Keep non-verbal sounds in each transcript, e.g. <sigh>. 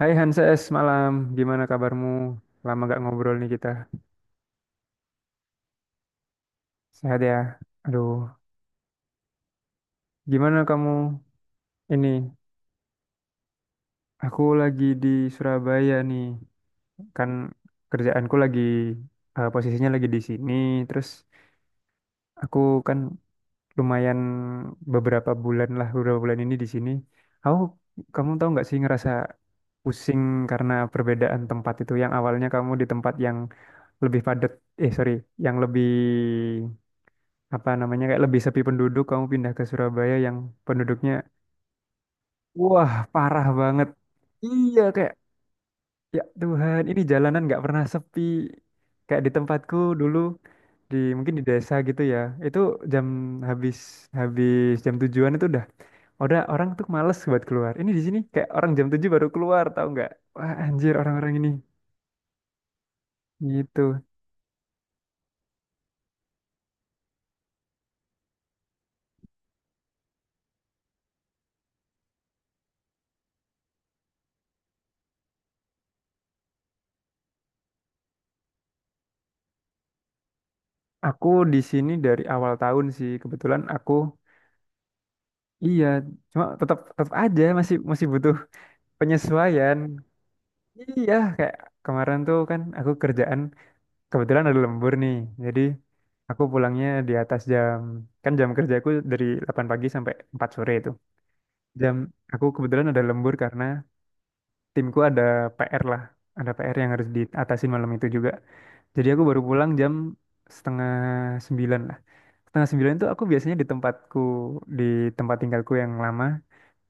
Hai Hanses, malam. Gimana kabarmu? Lama gak ngobrol nih kita. Sehat ya? Aduh, gimana kamu? Ini, aku lagi di Surabaya nih. Kan kerjaanku lagi, posisinya lagi di sini. Terus aku kan lumayan beberapa bulan lah, beberapa bulan ini di sini. Aku, kamu tahu nggak sih ngerasa pusing karena perbedaan tempat itu. Yang awalnya kamu di tempat yang lebih padat, eh sorry, yang lebih apa namanya kayak lebih sepi penduduk, kamu pindah ke Surabaya yang penduduknya wah parah banget. Iya kayak ya Tuhan, ini jalanan nggak pernah sepi. Kayak di tempatku dulu di mungkin di desa gitu ya, itu jam habis habis jam tujuan itu udah orang tuh males buat keluar. Ini di sini kayak orang jam 7 baru keluar, tahu nggak, wah anjir orang-orang ini gitu. Aku di sini dari awal tahun sih kebetulan aku. Iya, cuma tetap tetap aja masih masih butuh penyesuaian. Iya kayak kemarin tuh kan aku kerjaan kebetulan ada lembur nih, jadi aku pulangnya di atas jam, kan jam kerjaku dari 8 pagi sampai 4 sore itu jam, aku kebetulan ada lembur karena timku ada PR lah, ada PR yang harus diatasin malam itu juga. Jadi aku baru pulang jam setengah sembilan lah. Setengah sembilan itu aku biasanya di tempatku di tempat tinggalku yang lama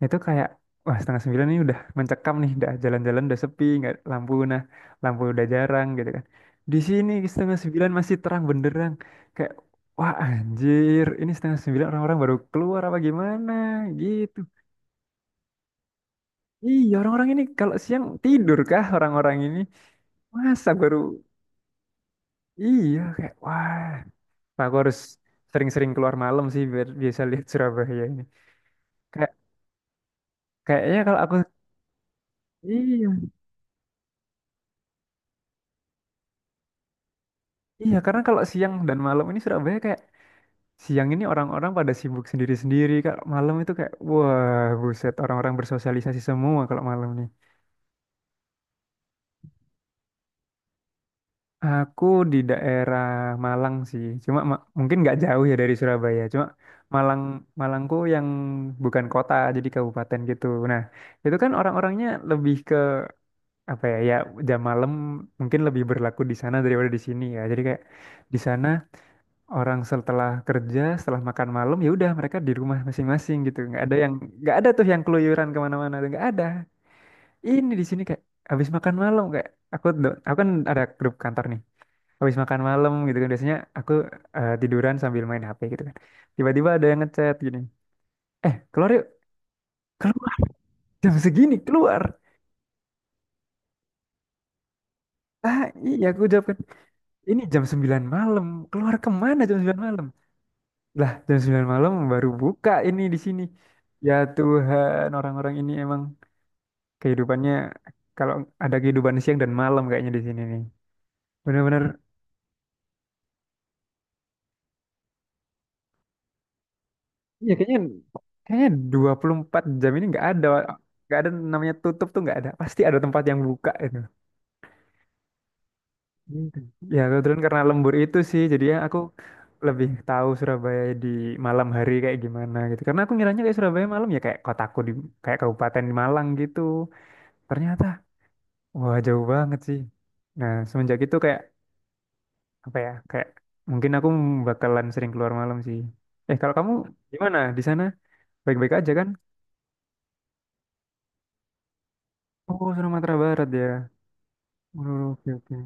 itu kayak, wah setengah sembilan ini udah mencekam nih, udah jalan-jalan udah sepi, nggak lampu, nah lampu udah jarang gitu kan. Di sini setengah sembilan masih terang benderang, kayak wah anjir, ini setengah sembilan orang-orang baru keluar apa gimana gitu. Iya, orang-orang ini kalau siang tidur kah orang-orang ini? Masa baru, iya kayak wah. Nah, aku harus sering-sering keluar malam sih biar bisa lihat Surabaya ini kayak kayaknya kalau aku, iya iya karena kalau siang dan malam ini Surabaya kayak, siang ini orang-orang pada sibuk sendiri-sendiri. Kalau malam itu kayak, wah buset, orang-orang bersosialisasi semua kalau malam nih. Aku di daerah Malang sih, cuma mungkin nggak jauh ya dari Surabaya. Cuma Malang, Malangku yang bukan kota, jadi kabupaten gitu. Nah, itu kan orang-orangnya lebih ke apa ya? Ya jam malam mungkin lebih berlaku di sana daripada di sini ya. Jadi kayak di sana orang setelah kerja, setelah makan malam ya udah, mereka di rumah masing-masing gitu. Nggak ada yang, nggak ada tuh yang keluyuran kemana-mana, tuh nggak ada. Ini di sini kayak habis makan malam kayak, aku kan ada grup kantor nih. Habis makan malam gitu kan biasanya aku tiduran sambil main HP gitu kan. Tiba-tiba ada yang ngechat gini. Eh, keluar yuk. Keluar, <laughs> jam segini keluar. Ah, iya aku jawab kan. Ini jam 9 malam. Keluar kemana jam 9 malam? Lah, jam 9 malam baru buka ini di sini. Ya Tuhan, orang-orang ini emang kehidupannya, kalau ada kehidupan siang dan malam kayaknya di sini nih. Bener-bener ya kayaknya, kayaknya 24 jam ini nggak ada, nggak ada namanya tutup tuh, nggak ada. Pasti ada tempat yang buka itu. Gitu. Ya kebetulan karena lembur itu sih jadinya aku lebih tahu Surabaya di malam hari kayak gimana gitu. Karena aku ngiranya kayak Surabaya malam ya kayak kotaku di kayak kabupaten di Malang gitu. Ternyata, wah jauh banget sih. Nah, semenjak itu kayak apa ya? Kayak mungkin aku bakalan sering keluar malam sih. Eh, kalau kamu gimana di sana? Baik-baik aja kan? Oh, Sumatera Barat ya. Oh, oke oke.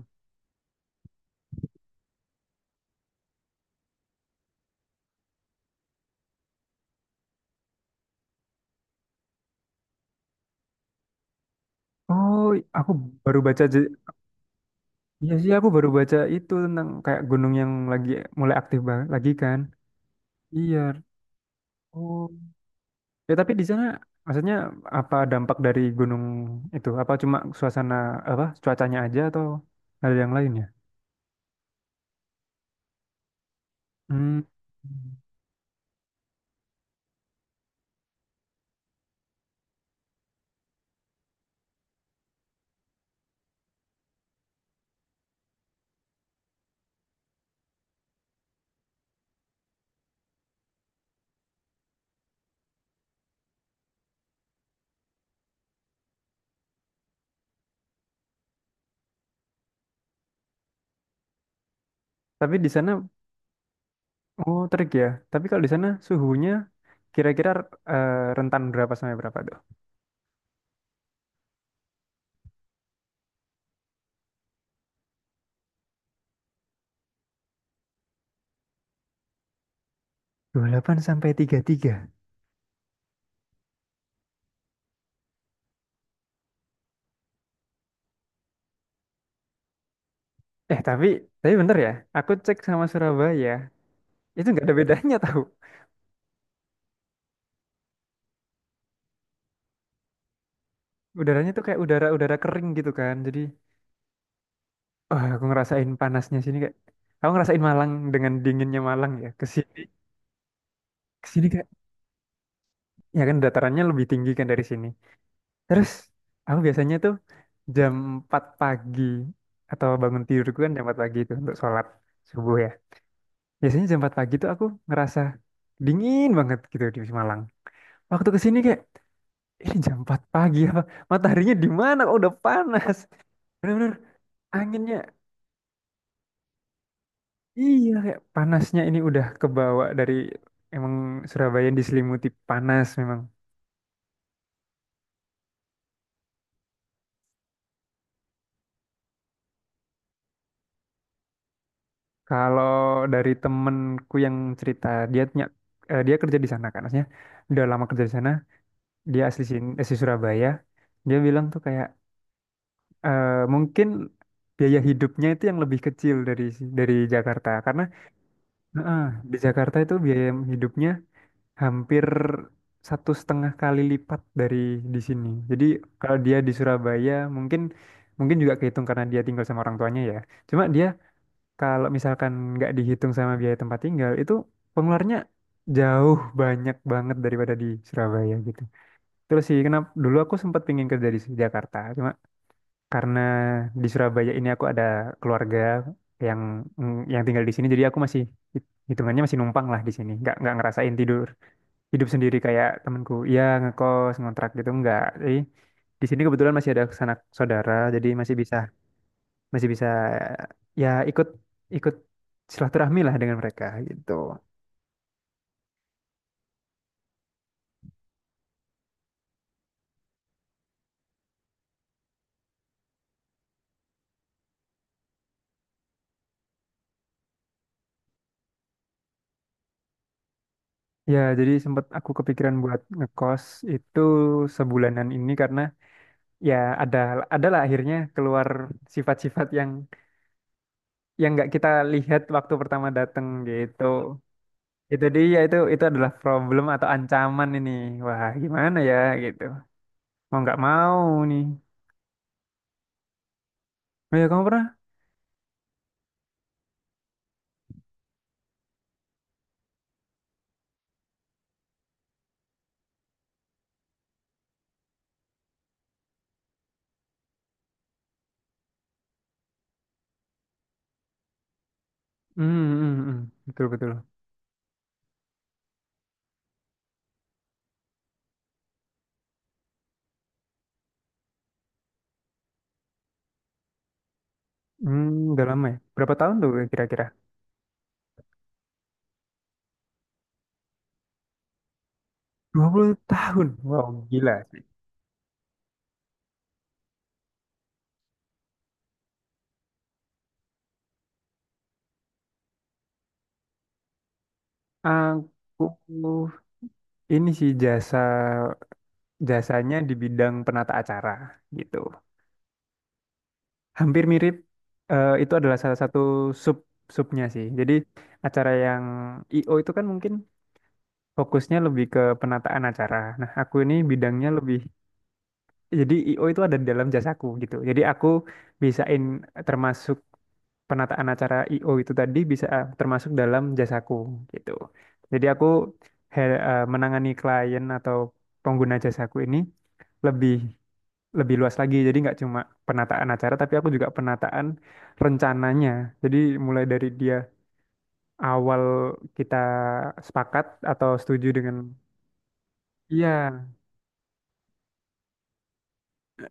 Oh, aku baru baca je- iya sih, aku baru baca itu tentang kayak gunung yang lagi mulai aktif banget lagi kan. Iya. Oh. Ya tapi di sana maksudnya apa dampak dari gunung itu? Apa cuma suasana, apa cuacanya aja atau ada yang lain ya? Hmm. Tapi di sana, oh terik ya. Tapi kalau di sana suhunya kira-kira rentan berapa sampai berapa tuh? Dua puluh delapan sampai tiga puluh tiga. Eh tapi bentar ya. Aku cek sama Surabaya, itu nggak ada bedanya tahu. Udaranya tuh kayak udara-udara kering gitu kan. Jadi, wah aku ngerasain panasnya sini kayak, aku ngerasain Malang dengan dinginnya Malang ya. Kesini kesini ke kayak, ya kan datarannya lebih tinggi kan dari sini. Terus aku biasanya tuh jam 4 pagi, atau bangun tidurku kan jam 4 pagi itu untuk sholat subuh ya. Biasanya jam 4 pagi tuh aku ngerasa dingin banget gitu di Malang. Waktu ke sini kayak, ini jam 4 pagi apa? Mataharinya di mana? Kok udah panas. Bener-bener anginnya, iya kayak panasnya ini udah kebawa dari emang Surabaya yang diselimuti panas memang. Kalau dari temenku yang cerita, dia punya- eh, dia kerja di sana kan, maksudnya udah lama kerja di sana, dia asli sini asli Surabaya, dia bilang tuh kayak mungkin biaya hidupnya itu yang lebih kecil dari dari Jakarta karena eh, di Jakarta itu biaya hidupnya hampir satu setengah kali lipat dari di sini. Jadi kalau dia di Surabaya, mungkin mungkin juga kehitung karena dia tinggal sama orang tuanya ya, cuma dia kalau misalkan nggak dihitung sama biaya tempat tinggal itu, pengeluarannya jauh banyak banget daripada di Surabaya gitu. Terus sih, kenapa dulu aku sempat pingin kerja di Jakarta, cuma karena di Surabaya ini aku ada keluarga yang, mm, yang tinggal di sini, jadi aku masih hitungannya masih numpang lah di sini, nggak ngerasain tidur hidup sendiri kayak temanku, iya ngekos ngontrak gitu nggak. Jadi di sini kebetulan masih ada sanak saudara, jadi masih bisa, masih bisa ya ikut ikut silaturahmi lah dengan mereka gitu. Ya, jadi sempat aku kepikiran buat ngekos itu sebulanan ini karena ya ada, adalah akhirnya keluar sifat-sifat yang nggak kita lihat waktu pertama datang gitu. Itu dia, itu adalah problem atau ancaman ini. Wah, gimana ya gitu. Mau nggak mau nih. Oh ya kamu pernah? Hmm, hmm, hmm. Betul betul. Hmm, udah lama ya. Berapa tahun tuh kira-kira? Dua puluh tahun. Wow, gila sih. Aku ini sih jasa, jasanya di bidang penata acara gitu. Hampir mirip, eh, itu adalah salah satu sub, subnya sih. Jadi acara yang IO itu kan mungkin fokusnya lebih ke penataan acara. Nah, aku ini bidangnya lebih, jadi IO itu ada di dalam jasaku gitu. Jadi aku bisain termasuk penataan acara IO itu tadi bisa, eh, termasuk dalam jasaku gitu. Jadi aku eh, menangani klien atau pengguna jasaku ini lebih, lebih luas lagi. Jadi nggak cuma penataan acara, tapi aku juga penataan rencananya. Jadi mulai dari dia awal kita sepakat atau setuju dengan, iya,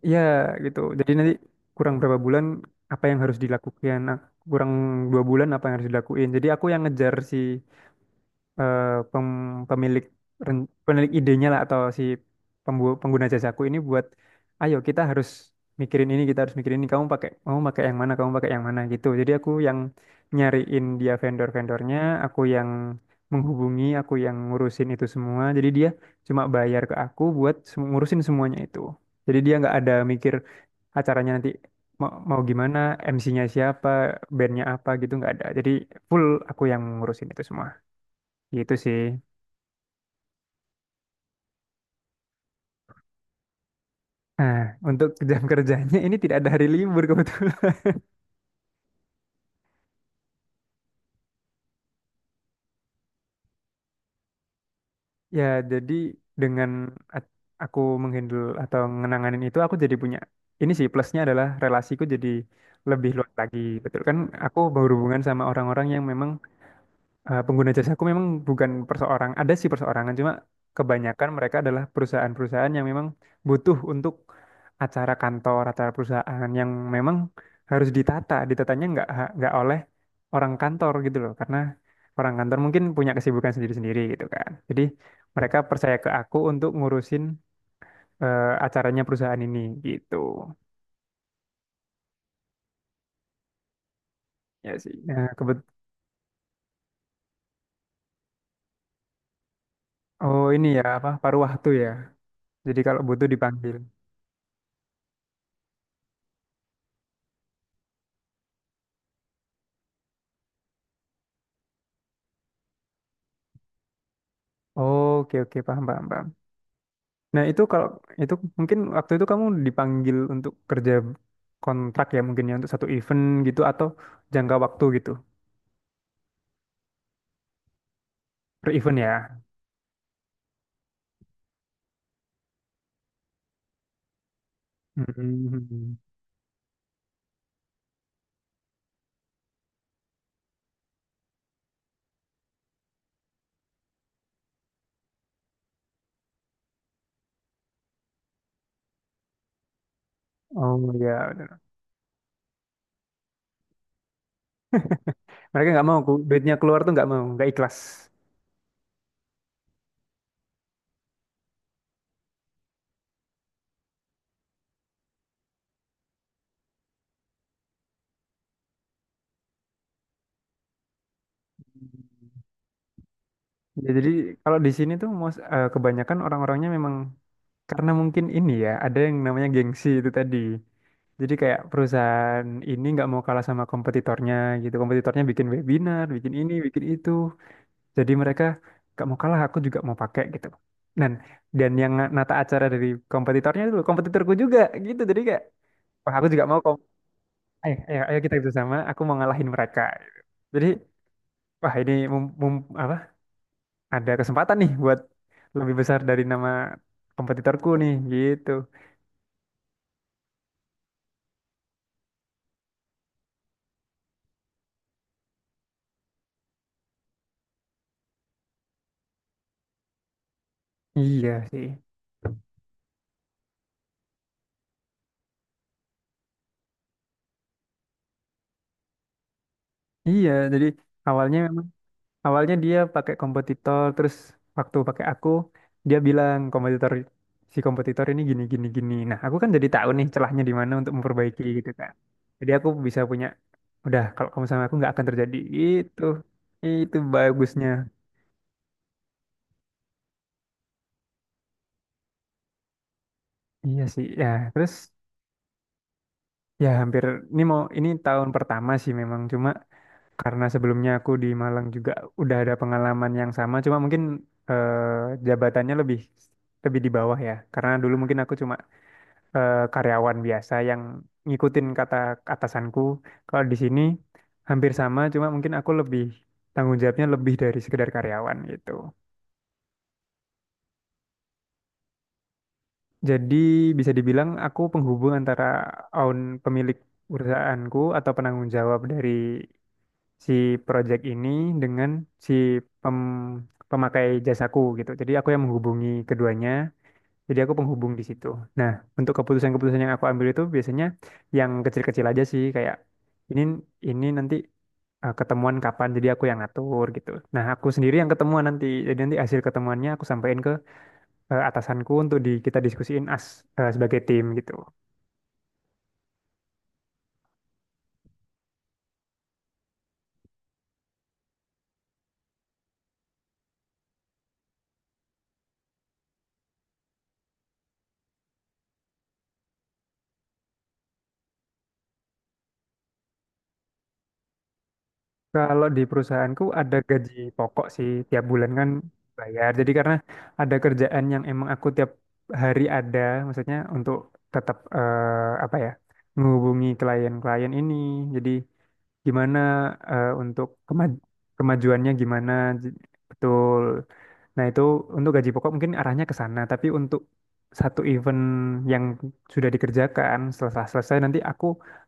iya gitu. Jadi nanti kurang berapa bulan apa yang harus dilakukan, nah, kurang dua bulan apa yang harus dilakuin. Jadi aku yang ngejar si eh, pemilik, pemilik idenya lah atau si pengguna jasaku ini buat, ayo kita harus mikirin ini, kita harus mikirin ini, kamu pakai, yang mana, kamu pakai yang mana gitu. Jadi aku yang nyariin dia vendor-vendornya, aku yang menghubungi, aku yang ngurusin itu semua. Jadi dia cuma bayar ke aku buat ngurusin semuanya itu, jadi dia nggak ada mikir acaranya nanti mau, mau gimana, MC-nya siapa, bandnya apa gitu, nggak ada. Jadi full aku yang ngurusin itu semua gitu sih. Nah, untuk jam <laughs> kerjanya ini tidak ada hari libur kebetulan. Ya, jadi dengan at- aku menghandle atau mengenanganin itu, aku jadi punya ini sih, plusnya adalah relasiku jadi lebih luas lagi. Betul kan? Aku berhubungan sama orang-orang yang memang, eh, pengguna jasa aku memang bukan perseorang, ada sih perseorangan, cuma kebanyakan mereka adalah perusahaan-perusahaan yang memang butuh untuk acara kantor, acara perusahaan yang memang harus ditata. Ditatanya nggak oleh orang kantor gitu loh, karena orang kantor mungkin punya kesibukan sendiri-sendiri gitu kan. Jadi mereka percaya ke aku untuk ngurusin, eh, acaranya perusahaan ini gitu. Ya sih. Nah, kebet, oh ini ya apa paruh waktu ya. Jadi kalau butuh dipanggil. Oke oke paham paham paham. Nah, itu kalau itu mungkin waktu itu kamu dipanggil untuk kerja kontrak ya mungkin ya untuk satu event gitu atau jangka waktu gitu, per event ya. Hmm. Oh ya, bener. Mereka nggak mau duitnya keluar tuh nggak mau, nggak ikhlas. Ya, jadi kalau di sini tuh eh, kebanyakan orang-orangnya memang, karena mungkin ini ya ada yang namanya gengsi itu tadi. Jadi kayak perusahaan ini nggak mau kalah sama kompetitornya gitu. Kompetitornya bikin webinar, bikin ini, bikin itu. Jadi mereka gak mau kalah, aku juga mau pakai gitu. Dan dan yang nata acara dari kompetitornya dulu, kompetitorku juga gitu. Jadi kayak, wah aku juga mau, ayo, ayo, ayo kita bersama, aku mau ngalahin mereka. Jadi, wah ini apa? Ada kesempatan nih buat lebih besar dari nama kompetitorku nih gitu. Iya sih. Iya, jadi awalnya awalnya dia pakai kompetitor. Terus waktu pakai aku dia bilang si kompetitor ini gini gini gini. Nah, aku kan jadi tahu nih celahnya di mana untuk memperbaiki gitu kan. Jadi aku bisa punya, udah kalau kamu sama aku nggak akan terjadi itu. Itu bagusnya. Iya sih ya. Terus ya hampir ini, mau ini tahun pertama sih memang. Cuma karena sebelumnya aku di Malang juga udah ada pengalaman yang sama. Cuma mungkin jabatannya lebih lebih di bawah ya, karena dulu mungkin aku cuma karyawan biasa yang ngikutin kata atasanku. Kalau di sini hampir sama, cuma mungkin aku lebih, tanggung jawabnya lebih dari sekedar karyawan gitu. Jadi bisa dibilang aku penghubung antara own, pemilik perusahaanku, atau penanggung jawab dari si project ini dengan si pem- pemakai jasaku gitu. Jadi aku yang menghubungi keduanya. Jadi aku penghubung di situ. Nah, untuk keputusan-keputusan yang aku ambil itu biasanya yang kecil-kecil aja sih, kayak ini ini nanti ketemuan kapan, jadi aku yang ngatur gitu. Nah, aku sendiri yang ketemuan nanti. Jadi nanti hasil ketemuannya aku sampaikan ke atasanku untuk di kita diskusiin as sebagai tim gitu. Kalau di perusahaanku ada gaji pokok sih tiap bulan kan bayar. Jadi karena ada kerjaan yang emang aku tiap hari ada, maksudnya untuk tetap apa ya, menghubungi klien-klien ini. Jadi gimana untuk kemajuannya gimana, j- betul. Nah, itu untuk gaji pokok mungkin arahnya ke sana, tapi untuk satu event yang sudah dikerjakan setelah selesai nanti aku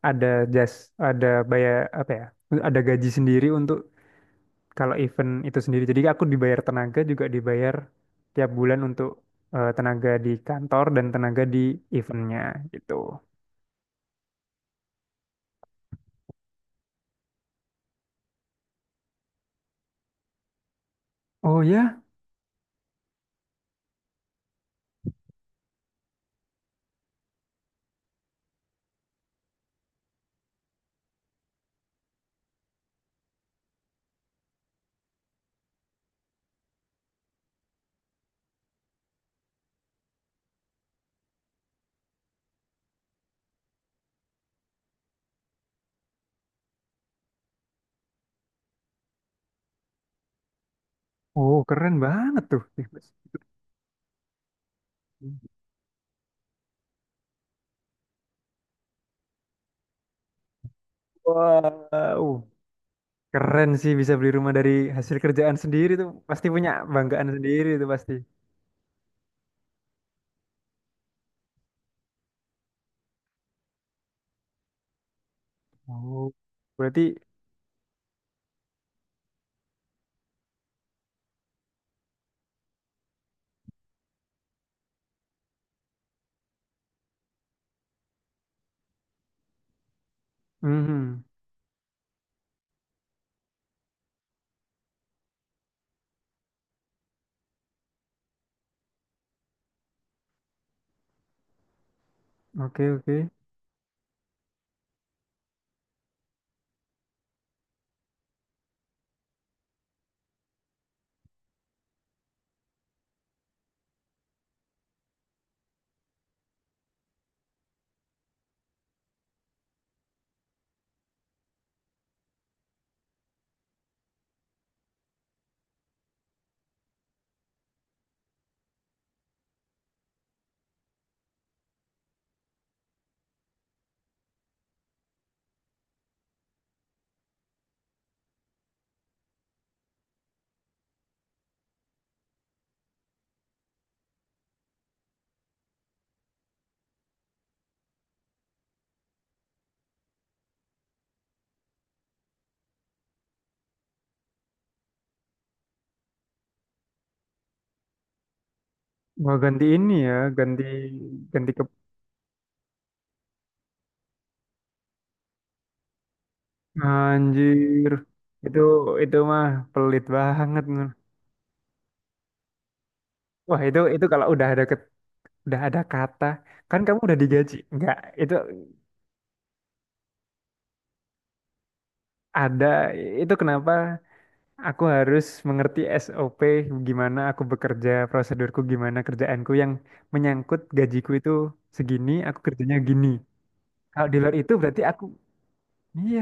ada jas ada bayar apa ya? Ada gaji sendiri untuk kalau event itu sendiri. Jadi aku dibayar tenaga, juga dibayar tiap bulan untuk tenaga di kantor dan tenaga di eventnya gitu. Oh ya, oh keren banget tuh. Ih, Mas. Wow, keren sih bisa beli rumah dari hasil kerjaan sendiri tuh. Pasti punya banggaan sendiri tuh pasti. Oh, berarti, mhm. Oke oke. Wah ganti ini ya, ganti ganti. Anjir, itu itu mah pelit banget, Nur. Wah itu kalau udah ada udah ada kata, kan kamu udah digaji. Enggak, itu ada, itu kenapa aku harus mengerti SOP, gimana aku bekerja, prosedurku gimana, kerjaanku yang menyangkut gajiku itu segini, aku kerjanya gini. Kalau di luar itu berarti aku, iya,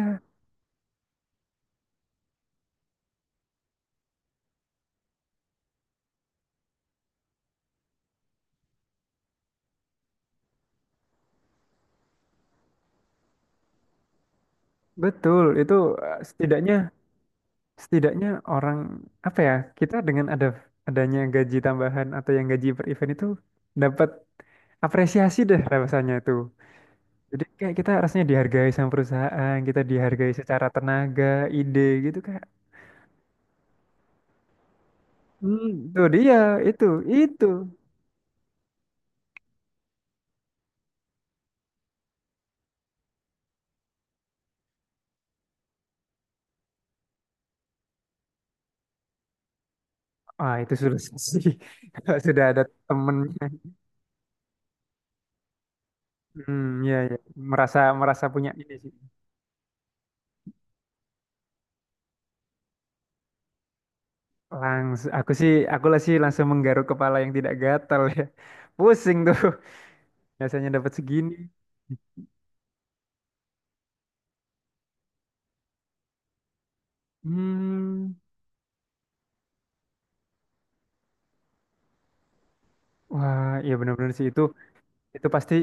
betul. Itu setidaknya, setidaknya orang, apa ya, kita dengan adanya gaji tambahan atau yang gaji per event itu dapat apresiasi deh rasanya itu. Jadi kayak kita harusnya dihargai sama perusahaan, kita dihargai secara tenaga, ide gitu kayak. Hmm, itu dia, itu, itu. Ah, itu sudah sih. <laughs> Kalau sudah ada temennya. Hmm, ya, ya. Merasa merasa punya ini sih. Langsung aku sih, aku lah sih, langsung menggaruk kepala yang tidak gatal ya. Pusing tuh. <laughs> Biasanya dapat segini. Hmm, wah, iya benar-benar sih itu. Itu pasti.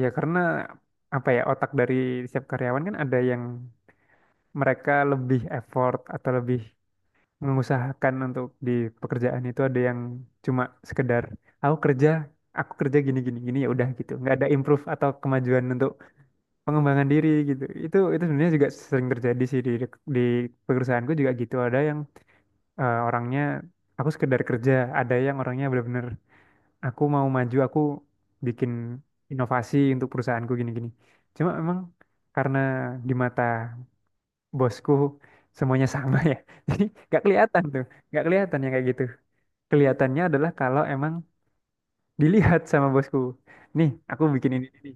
Ya karena apa ya, otak dari setiap karyawan kan ada yang mereka lebih effort atau lebih mengusahakan untuk di pekerjaan itu, ada yang cuma sekedar aku kerja, aku kerja gini gini gini ya udah gitu. Nggak ada improve atau kemajuan untuk pengembangan diri gitu. Itu sebenarnya juga sering terjadi sih di di perusahaanku juga gitu. Ada yang orangnya aku sekedar kerja, ada yang orangnya benar-benar aku mau maju, aku bikin inovasi untuk perusahaanku gini-gini. Cuma emang karena di mata bosku semuanya sama ya, <laughs> jadi nggak kelihatan tuh, nggak kelihatan yang kayak gitu. Kelihatannya adalah kalau emang dilihat sama bosku. Nih, aku bikin ini, ini.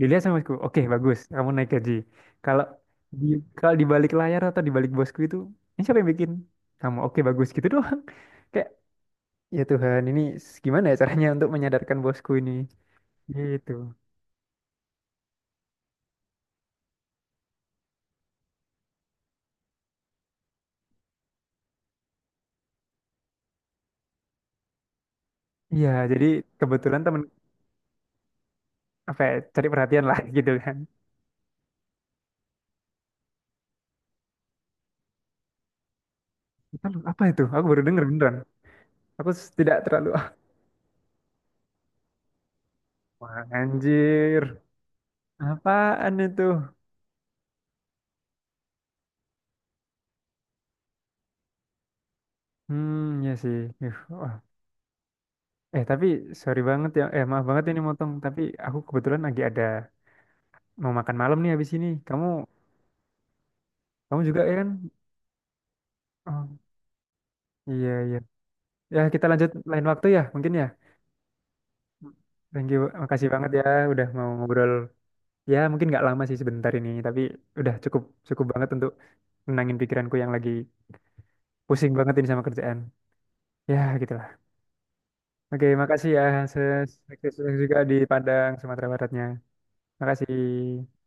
Dilihat sama bosku, oke bagus, kamu naik gaji. Kalau di, balik layar atau di balik bosku itu, ini siapa yang bikin? Kamu, oke bagus gitu doang. <laughs> Kayak ya Tuhan, ini gimana ya caranya untuk menyadarkan bosku ini? Gitu. Iya, jadi kebetulan temen, apa ya, cari perhatian lah <laughs> gitu kan. Lalu apa itu? Aku baru denger beneran. Tidak terlalu ah, wah, anjir. Apaan itu? Hmm, ya sih. Ih, wah. Tapi sorry banget ya. Eh, maaf banget ini motong, tapi aku kebetulan lagi ada mau makan malam nih habis ini. Kamu Kamu juga ya kan? Oh, iya, iya. Ya, kita lanjut lain waktu ya, mungkin ya. Thank you. Makasih banget ya udah mau ngobrol. Ya mungkin nggak lama sih sebentar ini, tapi udah cukup, cukup banget untuk menangin pikiranku yang lagi pusing banget ini sama kerjaan. Ya gitulah. Oke, makasih ya. Sukses juga di Padang, Sumatera Baratnya. Makasih.